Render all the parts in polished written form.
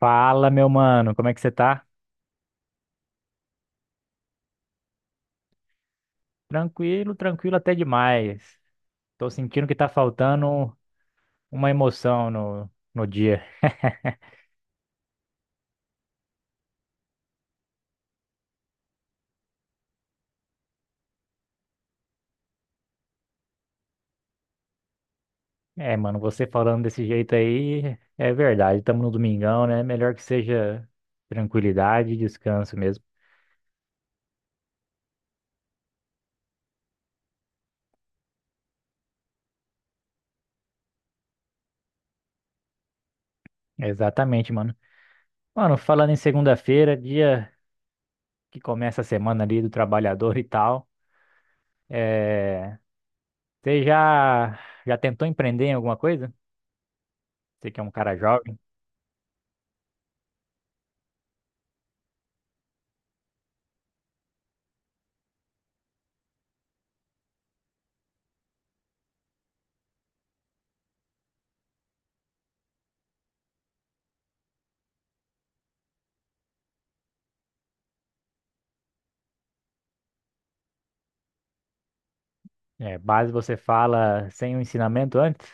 Fala, meu mano, como é que você tá? Tranquilo, tranquilo até demais. Tô sentindo que tá faltando uma emoção no dia. É, mano, você falando desse jeito aí, é verdade, estamos no domingão, né? Melhor que seja tranquilidade e descanso mesmo. Exatamente, mano. Mano, falando em segunda-feira, dia que começa a semana ali do trabalhador e tal, é... você já, já tentou empreender em alguma coisa? Você que é um cara jovem. É, base você fala sem o ensinamento antes,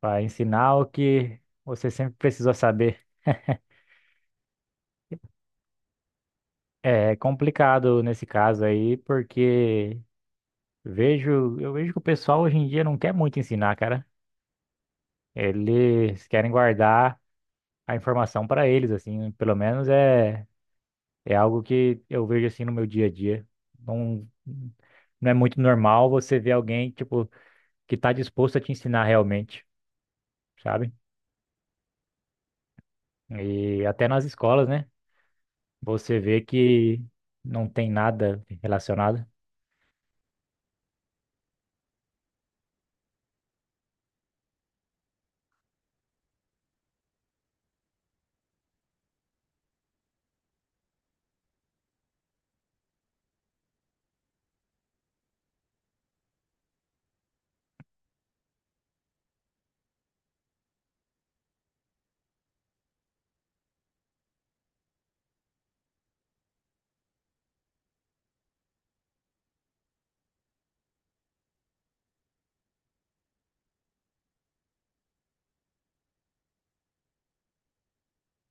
para ensinar o que você sempre precisou saber. É complicado nesse caso aí, porque eu vejo que o pessoal hoje em dia não quer muito ensinar, cara. Eles querem guardar a informação para eles, assim, pelo menos é algo que eu vejo assim no meu dia a dia. Não, não é muito normal você ver alguém, tipo, que tá disposto a te ensinar realmente, sabe? E até nas escolas, né? Você vê que não tem nada relacionado.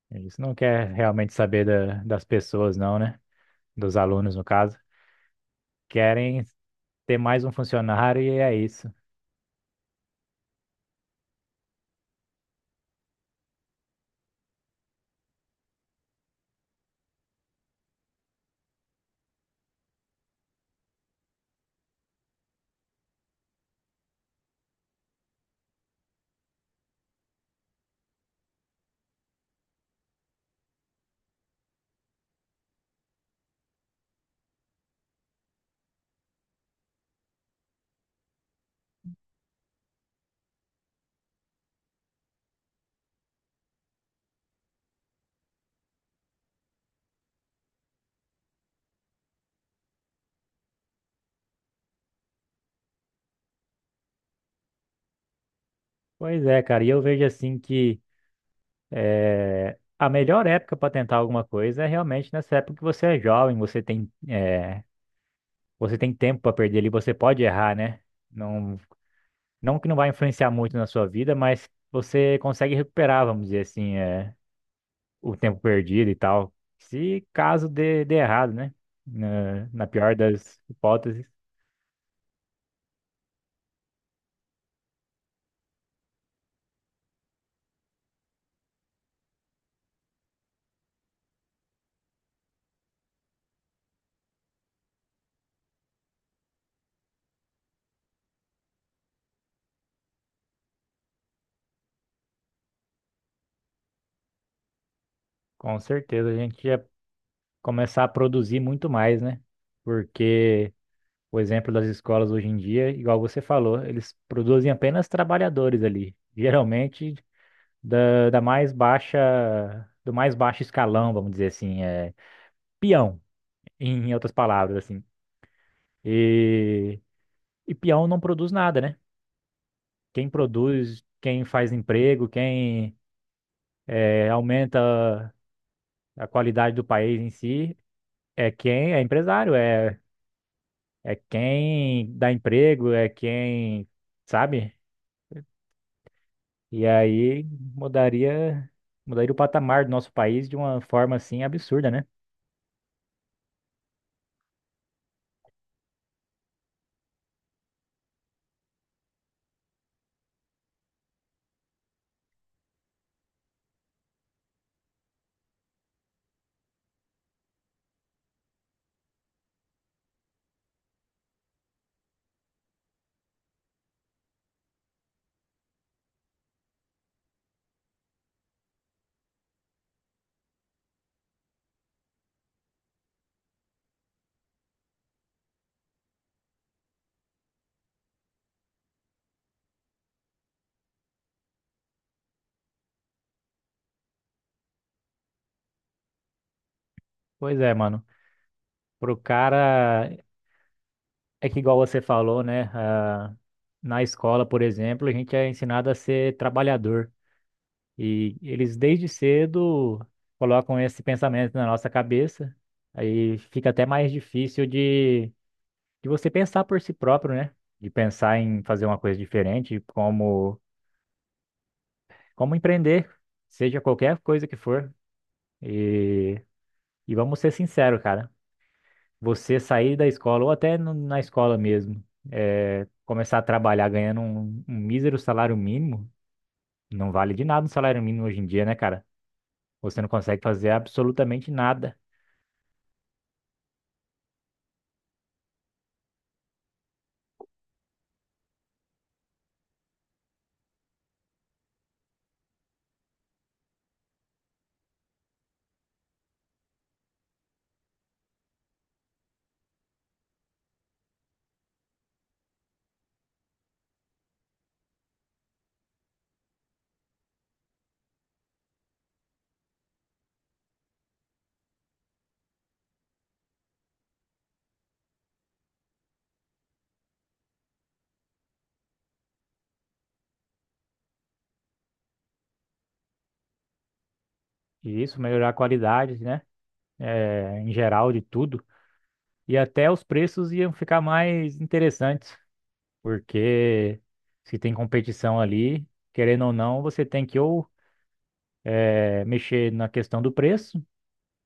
Eles não querem realmente saber das pessoas, não, né? Dos alunos, no caso. Querem ter mais um funcionário e é isso. Pois é, cara. E eu vejo assim que a melhor época para tentar alguma coisa é realmente nessa época que você é jovem, você você tem tempo para perder ali, você pode errar, né? Não, não que não vai influenciar muito na sua vida, mas você consegue recuperar, vamos dizer assim. O tempo perdido e tal. Se caso dê errado, né? Na pior das hipóteses, com certeza a gente ia começar a produzir muito mais, né? Porque o exemplo das escolas hoje em dia, igual você falou, eles produzem apenas trabalhadores ali, geralmente da mais baixa, do mais baixo escalão, vamos dizer assim, é peão, em outras palavras, assim. E, e peão não produz nada, né? Quem produz, quem faz emprego, quem aumenta a qualidade do país em si, é quem é empresário, é, é quem dá emprego, é quem, sabe? E aí mudaria, mudaria o patamar do nosso país de uma forma assim absurda, né? Pois é, mano. Pro cara, é que igual você falou, né? Ah, na escola, por exemplo, a gente é ensinado a ser trabalhador. E eles desde cedo colocam esse pensamento na nossa cabeça, aí fica até mais difícil de você pensar por si próprio, né? De pensar em fazer uma coisa diferente, como empreender, seja qualquer coisa que for. E, e vamos ser sinceros, cara, você sair da escola, ou até na escola mesmo, é, começar a trabalhar ganhando um mísero salário mínimo, não vale de nada um salário mínimo hoje em dia, né, cara? Você não consegue fazer absolutamente nada. Isso, melhorar a qualidade, né? É, em geral de tudo. E até os preços iam ficar mais interessantes, porque se tem competição ali, querendo ou não, você tem que ou é, mexer na questão do preço,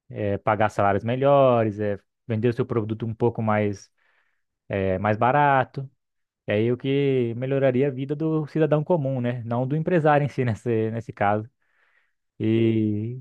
é, pagar salários melhores, é, vender o seu produto um pouco mais, é, mais barato. E aí o que melhoraria a vida do cidadão comum, né? Não do empresário em si nesse caso. E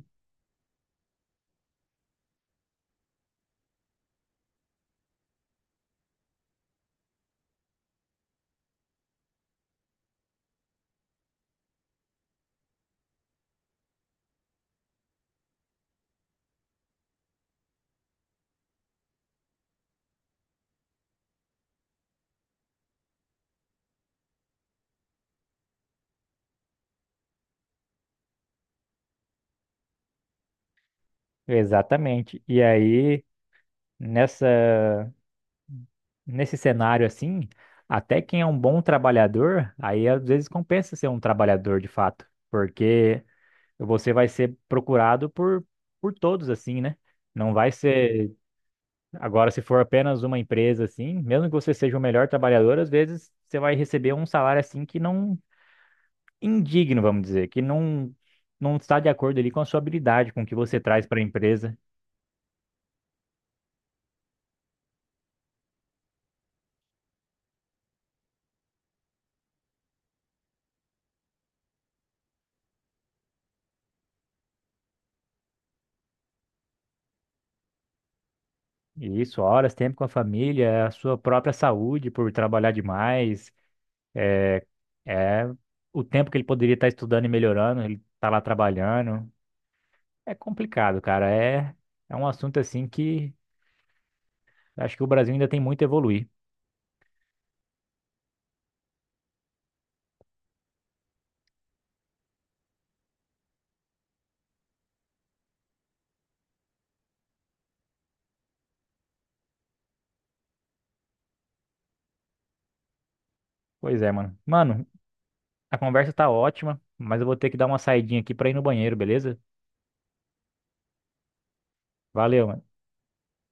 exatamente. E aí, nessa. Nesse cenário assim, até quem é um bom trabalhador, aí às vezes compensa ser um trabalhador de fato, porque você vai ser procurado por todos assim, né? Não vai ser, agora se for apenas uma empresa assim, mesmo que você seja o melhor trabalhador, às vezes você vai receber um salário assim que não indigno, vamos dizer, que não está de acordo ali com a sua habilidade, com o que você traz para a empresa. E isso, horas, tempo com a família, a sua própria saúde por trabalhar demais. É o tempo que ele poderia estar estudando e melhorando, ele tá lá trabalhando. É complicado, cara. É, é um assunto assim que acho que o Brasil ainda tem muito a evoluir. Pois é, mano. Mano, a conversa tá ótima, mas eu vou ter que dar uma saidinha aqui pra ir no banheiro, beleza? Valeu, mano.